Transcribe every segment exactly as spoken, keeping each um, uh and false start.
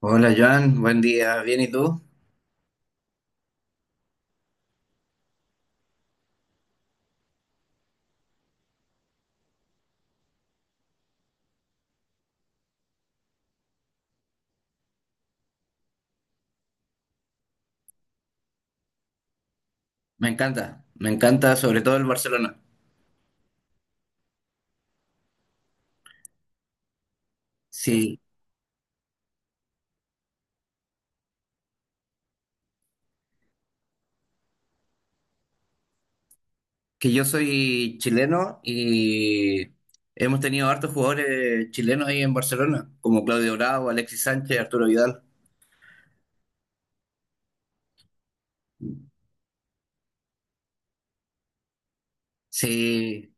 Hola Joan, buen día, bien, ¿y tú? Me encanta, me encanta sobre todo el Barcelona. Sí, que yo soy chileno y hemos tenido hartos jugadores chilenos ahí en Barcelona, como Claudio Bravo, Alexis Sánchez, Arturo Vidal. Sí,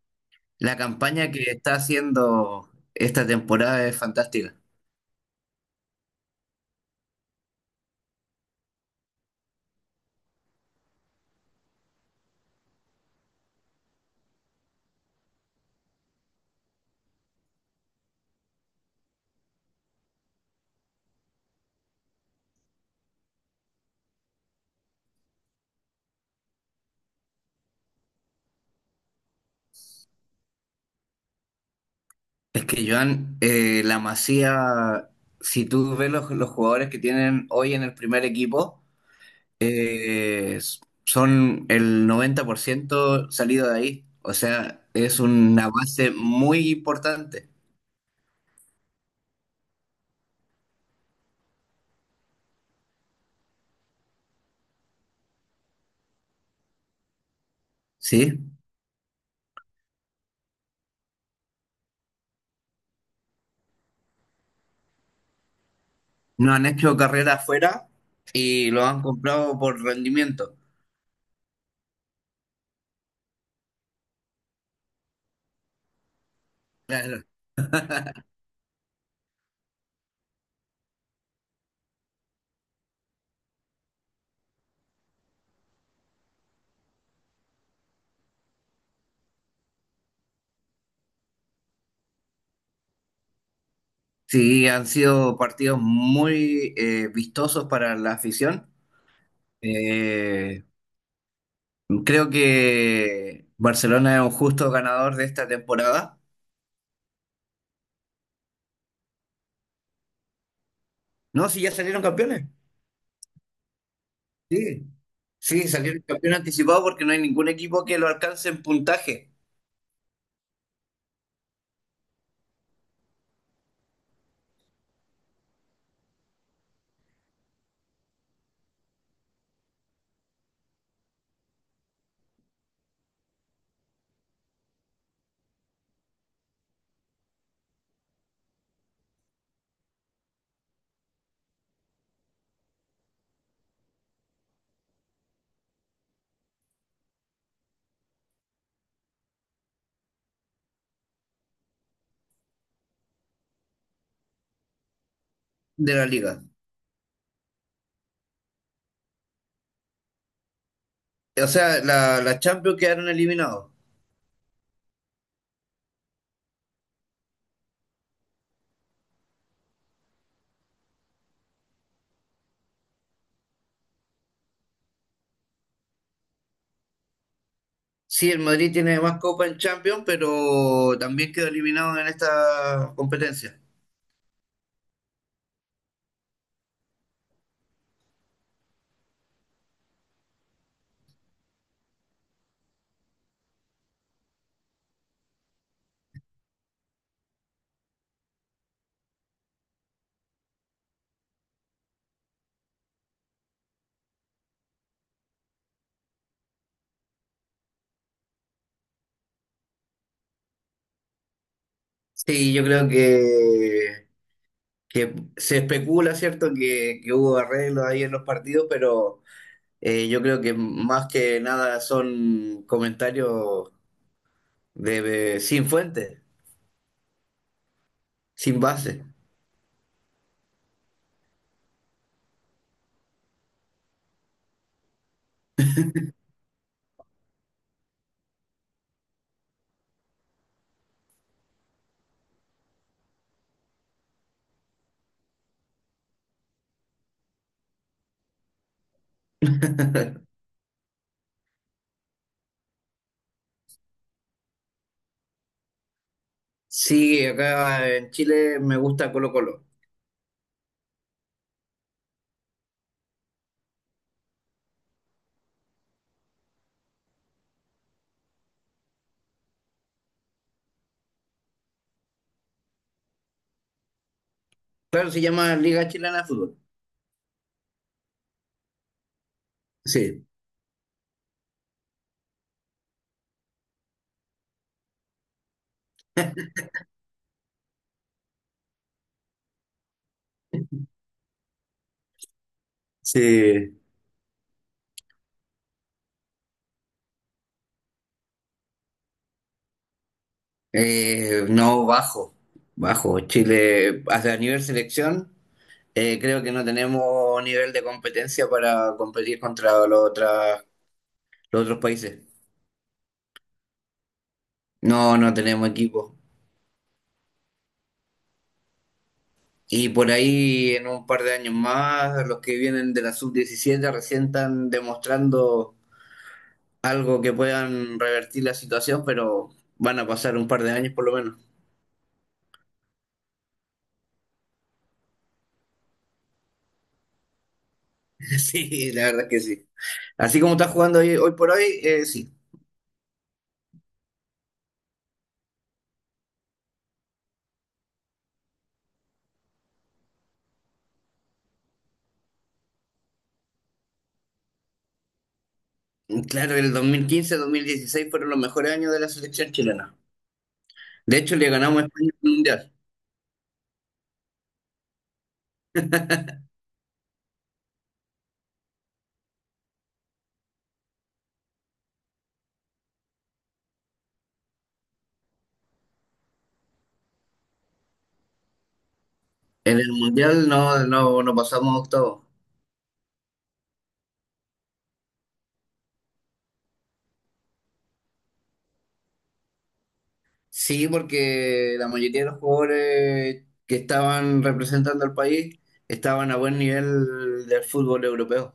la campaña que está haciendo esta temporada es fantástica. Es que Joan, eh, la Masía, si tú ves los, los jugadores que tienen hoy en el primer equipo, eh, son el noventa por ciento salido de ahí. O sea, es una base muy importante, ¿sí? No han hecho carrera afuera y lo han comprado por rendimiento. Claro. Sí, han sido partidos muy eh, vistosos para la afición. Eh, Creo que Barcelona es un justo ganador de esta temporada. No, si ya salieron campeones. Sí, sí, salieron campeón anticipado porque no hay ningún equipo que lo alcance en puntaje de la liga. O sea, la, la Champions quedaron eliminados. Sí, el Madrid tiene más copa en Champions, pero también quedó eliminado en esta competencia. Sí, yo creo que, que se especula, ¿cierto?, que, que hubo arreglos ahí en los partidos, pero eh, yo creo que más que nada son comentarios de, de- sin fuente, sin base. Sí, acá en Chile me gusta Colo Colo. Claro, se llama Liga Chilena de Fútbol. Sí, sí. Eh, no, bajo, bajo. Chile, hasta a nivel selección, eh, creo que no tenemos nivel de competencia para competir contra los, otras- los otros países. No, no tenemos equipo. Y por ahí, en un par de años más, los que vienen de la sub diecisiete recién están demostrando algo que puedan revertir la situación, pero van a pasar un par de años por lo menos. Sí, la verdad es que sí. Así como está jugando hoy, hoy por hoy, eh, sí. Claro, el dos mil quince-dos mil dieciséis fueron los mejores años de la selección chilena. De hecho, le ganamos a España en el Mundial. En el Mundial no, no, no pasamos a octavos. Sí, porque la mayoría de los jugadores que estaban representando al país estaban a buen nivel del fútbol europeo.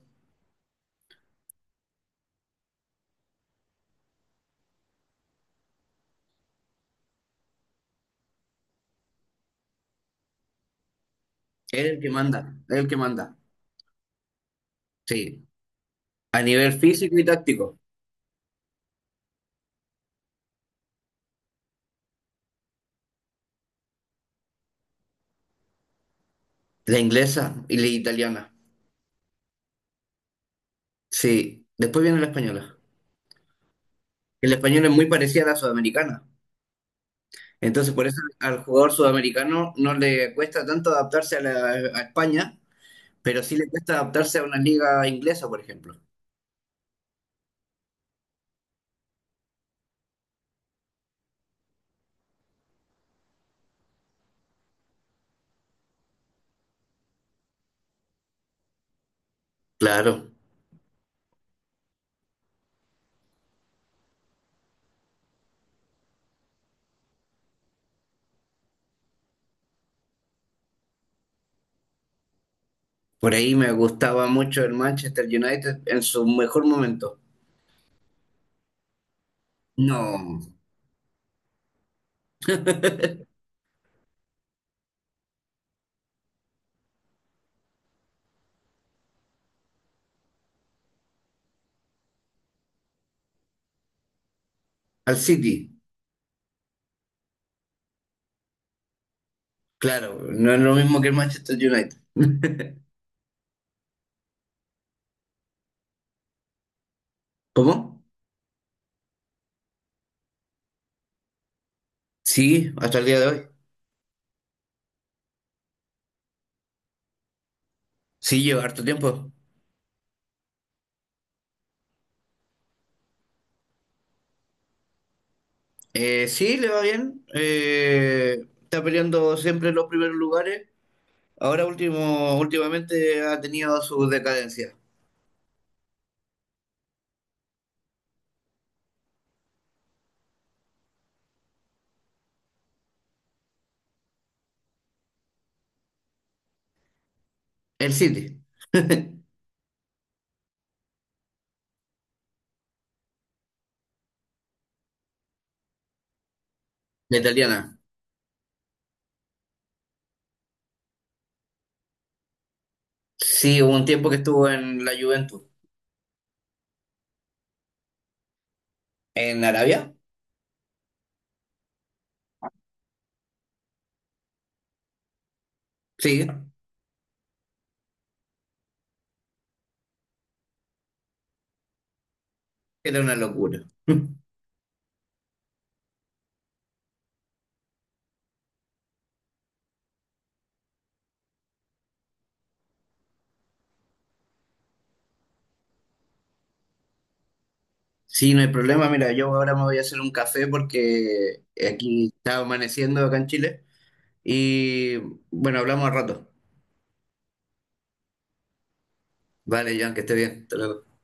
Es el que manda, es el que manda. Sí. A nivel físico y táctico, la inglesa y la italiana. Sí, después viene la española. El español es muy parecida a la sudamericana. Entonces, por eso al jugador sudamericano no le cuesta tanto adaptarse a, la- a España, pero sí le cuesta adaptarse a una liga inglesa, por ejemplo. Claro, por ahí me gustaba mucho el Manchester United en su mejor momento. No, al City. Claro, no es lo mismo que el Manchester United. ¿Cómo? Sí, hasta el día de hoy. Sí, lleva harto tiempo. Eh, sí, le va bien. Eh, está peleando siempre en los primeros lugares. Ahora último, últimamente ha tenido su decadencia. El City, la italiana. Sí, hubo un tiempo que estuvo en la Juventus. ¿En Arabia? Sí, era una locura. Sí, no hay problema. Mira, yo ahora me voy a hacer un café porque aquí está amaneciendo acá en Chile. Y bueno, hablamos al rato. Vale, Jan, que esté bien. Hasta luego.